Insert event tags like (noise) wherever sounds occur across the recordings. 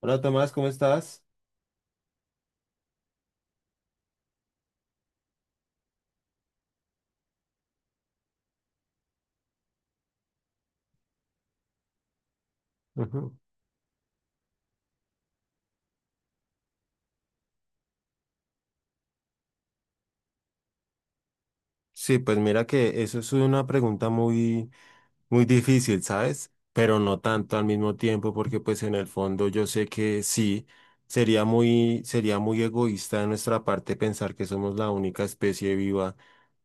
Hola Tomás, ¿cómo estás? Ujú. Sí, pues mira que eso es una pregunta muy difícil, ¿sabes? Pero no tanto al mismo tiempo, porque pues en el fondo yo sé que sí, sería muy egoísta de nuestra parte pensar que somos la única especie viva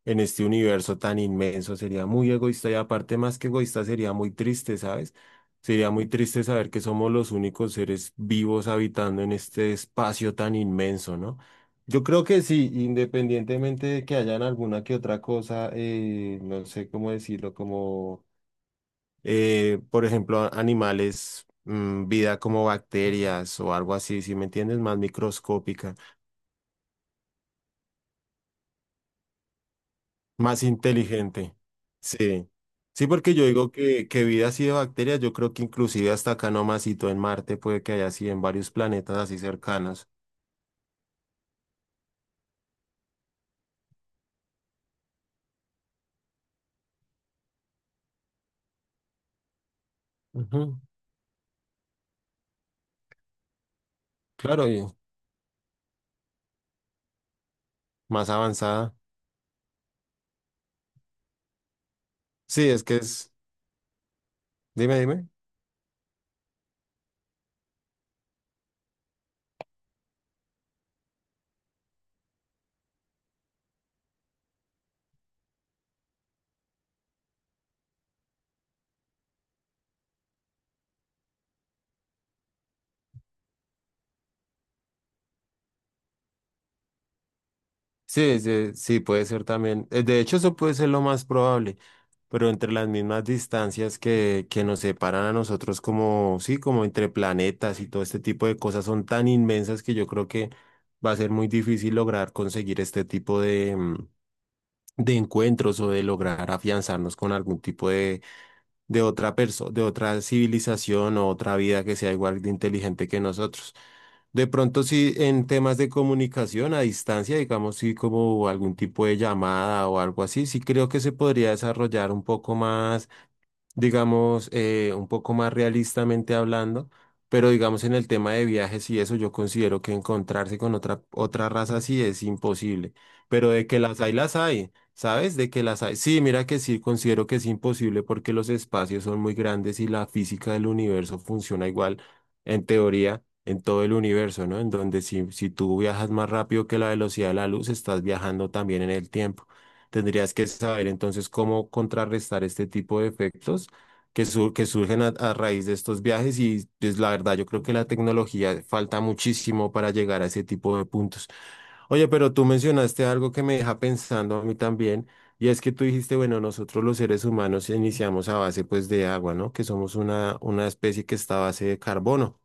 en este universo tan inmenso. Sería muy egoísta y aparte más que egoísta sería muy triste, ¿sabes? Sería muy triste saber que somos los únicos seres vivos habitando en este espacio tan inmenso, ¿no? Yo creo que sí, independientemente de que hayan alguna que otra cosa, no sé cómo decirlo, como por ejemplo, animales, vida como bacterias o algo así, si me entiendes, más microscópica, más inteligente. Sí. Sí, porque yo digo que vida así de bacterias, yo creo que inclusive hasta acá nomasito en Marte puede que haya así en varios planetas así cercanos. Ujú. Claro, y más avanzada. Sí, es que es, dime, dime. Sí, sí, sí, puede ser también. De hecho, eso puede ser lo más probable, pero entre las mismas distancias que nos separan a nosotros como, sí, como entre planetas y todo este tipo de cosas son tan inmensas que yo creo que va a ser muy difícil lograr conseguir este tipo de de encuentros o de lograr afianzarnos con algún tipo de otra persona, de otra civilización o otra vida que sea igual de inteligente que nosotros. De pronto sí, en temas de comunicación a distancia, digamos, sí, como algún tipo de llamada o algo así, sí creo que se podría desarrollar un poco más digamos, un poco más realistamente hablando, pero digamos en el tema de viajes y eso, yo considero que encontrarse con otra raza sí es imposible, pero de que las hay, ¿sabes? De que las hay. Sí, mira que sí, considero que es imposible porque los espacios son muy grandes y la física del universo funciona igual, en teoría. En todo el universo, ¿no? En donde si tú viajas más rápido que la velocidad de la luz, estás viajando también en el tiempo. Tendrías que saber entonces cómo contrarrestar este tipo de efectos que surgen a raíz de estos viajes y pues la verdad yo creo que la tecnología falta muchísimo para llegar a ese tipo de puntos. Oye, pero tú mencionaste algo que me deja pensando a mí también y es que tú dijiste, bueno, nosotros los seres humanos iniciamos a base pues de agua, ¿no? Que somos una especie que está a base de carbono.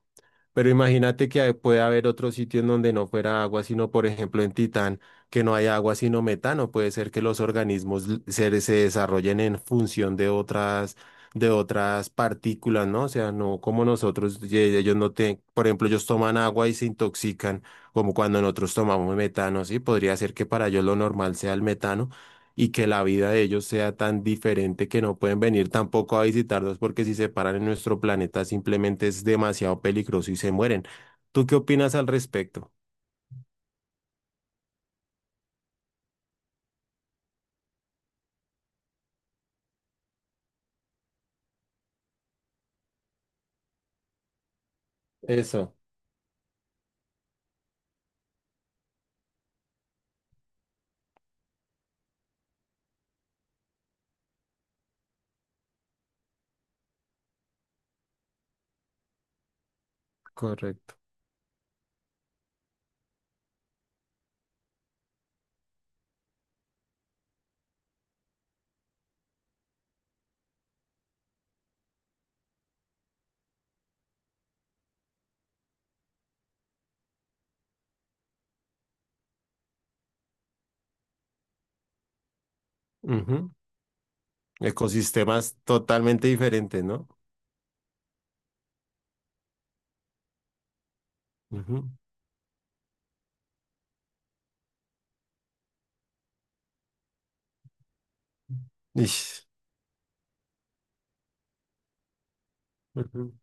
Pero imagínate que puede haber otro sitio en donde no fuera agua, sino por ejemplo en Titán, que no hay agua sino metano. Puede ser que los organismos se desarrollen en función de otras partículas, ¿no? O sea, no como nosotros, ellos no tienen, por ejemplo, ellos toman agua y se intoxican, como cuando nosotros tomamos metano, ¿sí? Podría ser que para ellos lo normal sea el metano y que la vida de ellos sea tan diferente que no pueden venir tampoco a visitarlos porque si se paran en nuestro planeta simplemente es demasiado peligroso y se mueren. ¿Tú qué opinas al respecto? Eso, correcto. Ujú. Ecosistemas totalmente diferentes, ¿no? Ujú. Ish. Ujú.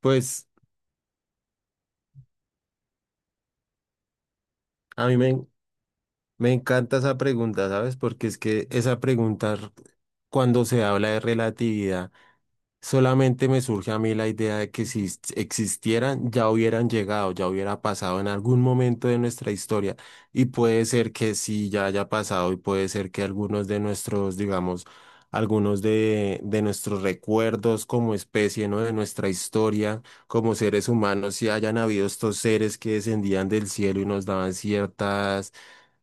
Pues a mí me, me encanta esa pregunta, ¿sabes? Porque es que esa cuando se habla de relatividad, solamente me surge a mí la idea de que si existieran, ya hubieran llegado, ya hubiera pasado en algún momento de nuestra historia. Y puede ser que sí, ya haya pasado y puede ser que algunos de nuestros, digamos, algunos de nuestros recuerdos como especie, ¿no? De nuestra historia como seres humanos, si hayan habido estos seres que descendían del cielo y nos daban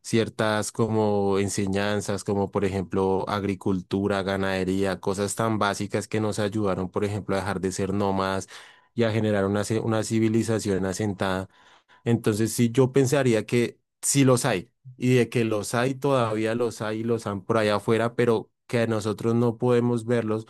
ciertas como enseñanzas, como por ejemplo agricultura, ganadería, cosas tan básicas que nos ayudaron, por ejemplo, a dejar de ser nómadas y a generar una civilización asentada. Entonces, sí, yo pensaría que sí los hay y de que los hay, todavía los hay y los han por allá afuera, pero que nosotros no podemos verlos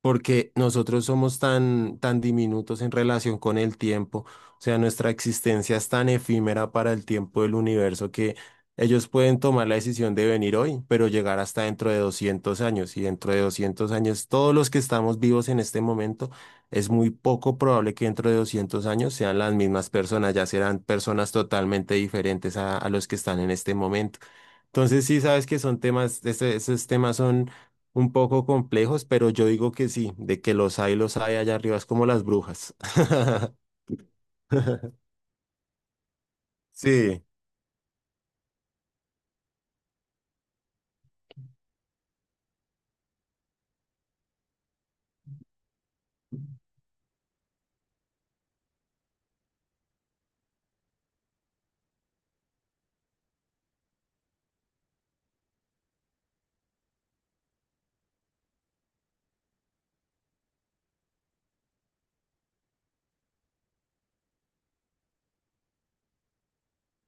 porque nosotros somos tan diminutos en relación con el tiempo, o sea, nuestra existencia es tan efímera para el tiempo del universo que ellos pueden tomar la decisión de venir hoy, pero llegar hasta dentro de 200 años, y dentro de 200 años, todos los que estamos vivos en este momento, es muy poco probable que dentro de 200 años sean las mismas personas, ya serán personas totalmente diferentes a los que están en este momento. Entonces sí sabes que son esos temas son un poco complejos, pero yo digo que sí, de que los hay allá arriba, es como las brujas. (laughs) Sí,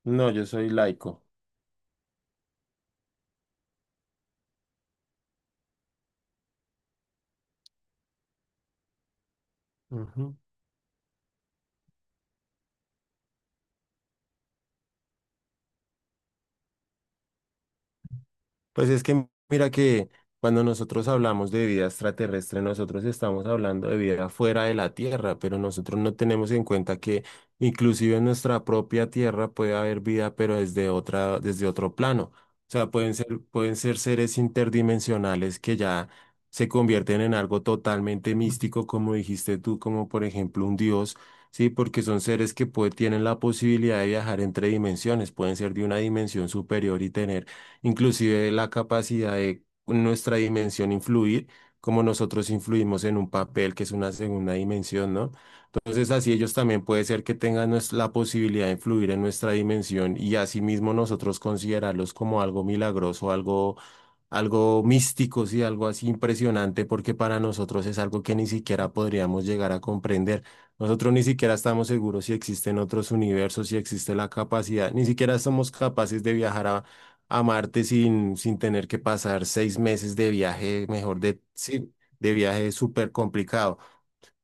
no, yo soy laico. Ujú. Pues es que mira que cuando nosotros hablamos de vida extraterrestre, nosotros estamos hablando de vida fuera de la Tierra, pero nosotros no tenemos en cuenta que inclusive en nuestra propia Tierra puede haber vida, pero desde otra, desde otro plano. O sea, pueden ser seres interdimensionales que ya se convierten en algo totalmente místico, como dijiste tú, como por ejemplo un dios. Sí, porque son seres que tienen la posibilidad de viajar entre dimensiones, pueden ser de una dimensión superior y tener inclusive la capacidad de nuestra dimensión influir, como nosotros influimos en un papel que es una segunda dimensión, ¿no? Entonces así ellos también puede ser que tengan la posibilidad de influir en nuestra dimensión y asimismo nosotros considerarlos como algo milagroso, algo algo místico, sí, algo así impresionante, porque para nosotros es algo que ni siquiera podríamos llegar a comprender. Nosotros ni siquiera estamos seguros si existen otros universos, si existe la capacidad, ni siquiera somos capaces de viajar a Marte sin tener que pasar 6 meses de viaje, mejor de, sí, de viaje súper complicado.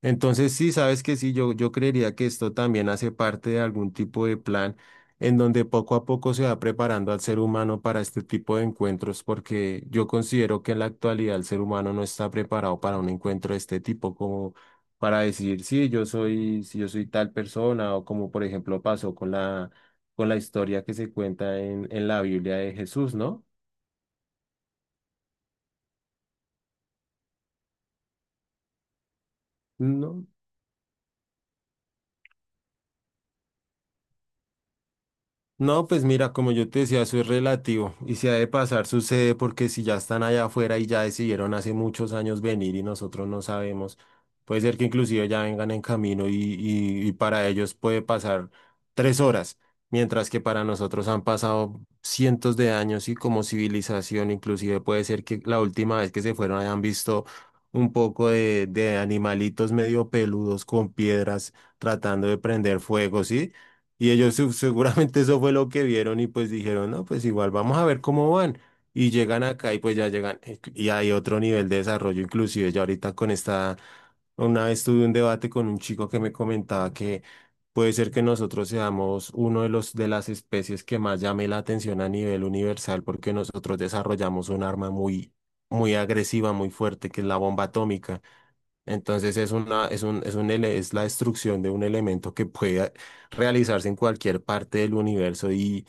Entonces, sí, sabes que sí, yo creería que esto también hace parte de algún tipo de plan en donde poco a poco se va preparando al ser humano para este tipo de encuentros, porque yo considero que en la actualidad el ser humano no está preparado para un encuentro de este tipo, como para decir, sí, si yo soy tal persona, o como por ejemplo pasó con con la historia que se cuenta en la Biblia de Jesús, ¿no? No, no, pues mira, como yo te decía, eso es relativo y si ha de pasar sucede porque si ya están allá afuera y ya decidieron hace muchos años venir y nosotros no sabemos, puede ser que inclusive ya vengan en camino y para ellos puede pasar 3 horas, mientras que para nosotros han pasado cientos de años y como civilización inclusive puede ser que la última vez que se fueron hayan visto un poco de animalitos medio peludos con piedras tratando de prender fuego, ¿sí? Y ellos seguramente eso fue lo que vieron y pues dijeron, no, pues igual vamos a ver cómo van. Y llegan acá y pues ya llegan. Y hay otro nivel de desarrollo, inclusive ya ahorita con esta, una vez tuve un debate con un chico que me comentaba que puede ser que nosotros seamos uno de los de las especies que más llame la atención a nivel universal porque nosotros desarrollamos un arma muy agresiva, muy fuerte, que es la bomba atómica. Entonces es un, es la destrucción de un elemento que puede realizarse en cualquier parte del universo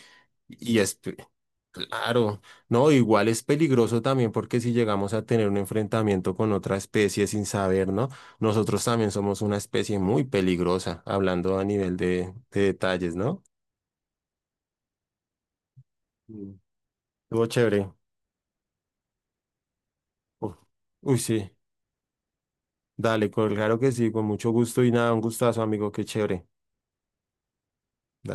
y claro, no, igual es peligroso también porque si llegamos a tener un enfrentamiento con otra especie sin saber, ¿no? Nosotros también somos una especie muy peligrosa, hablando a nivel de detalles, ¿no? Mm. Estuvo chévere. Uf. Uy, sí. Dale, claro que sí, con mucho gusto y nada, un gustazo, amigo, qué chévere.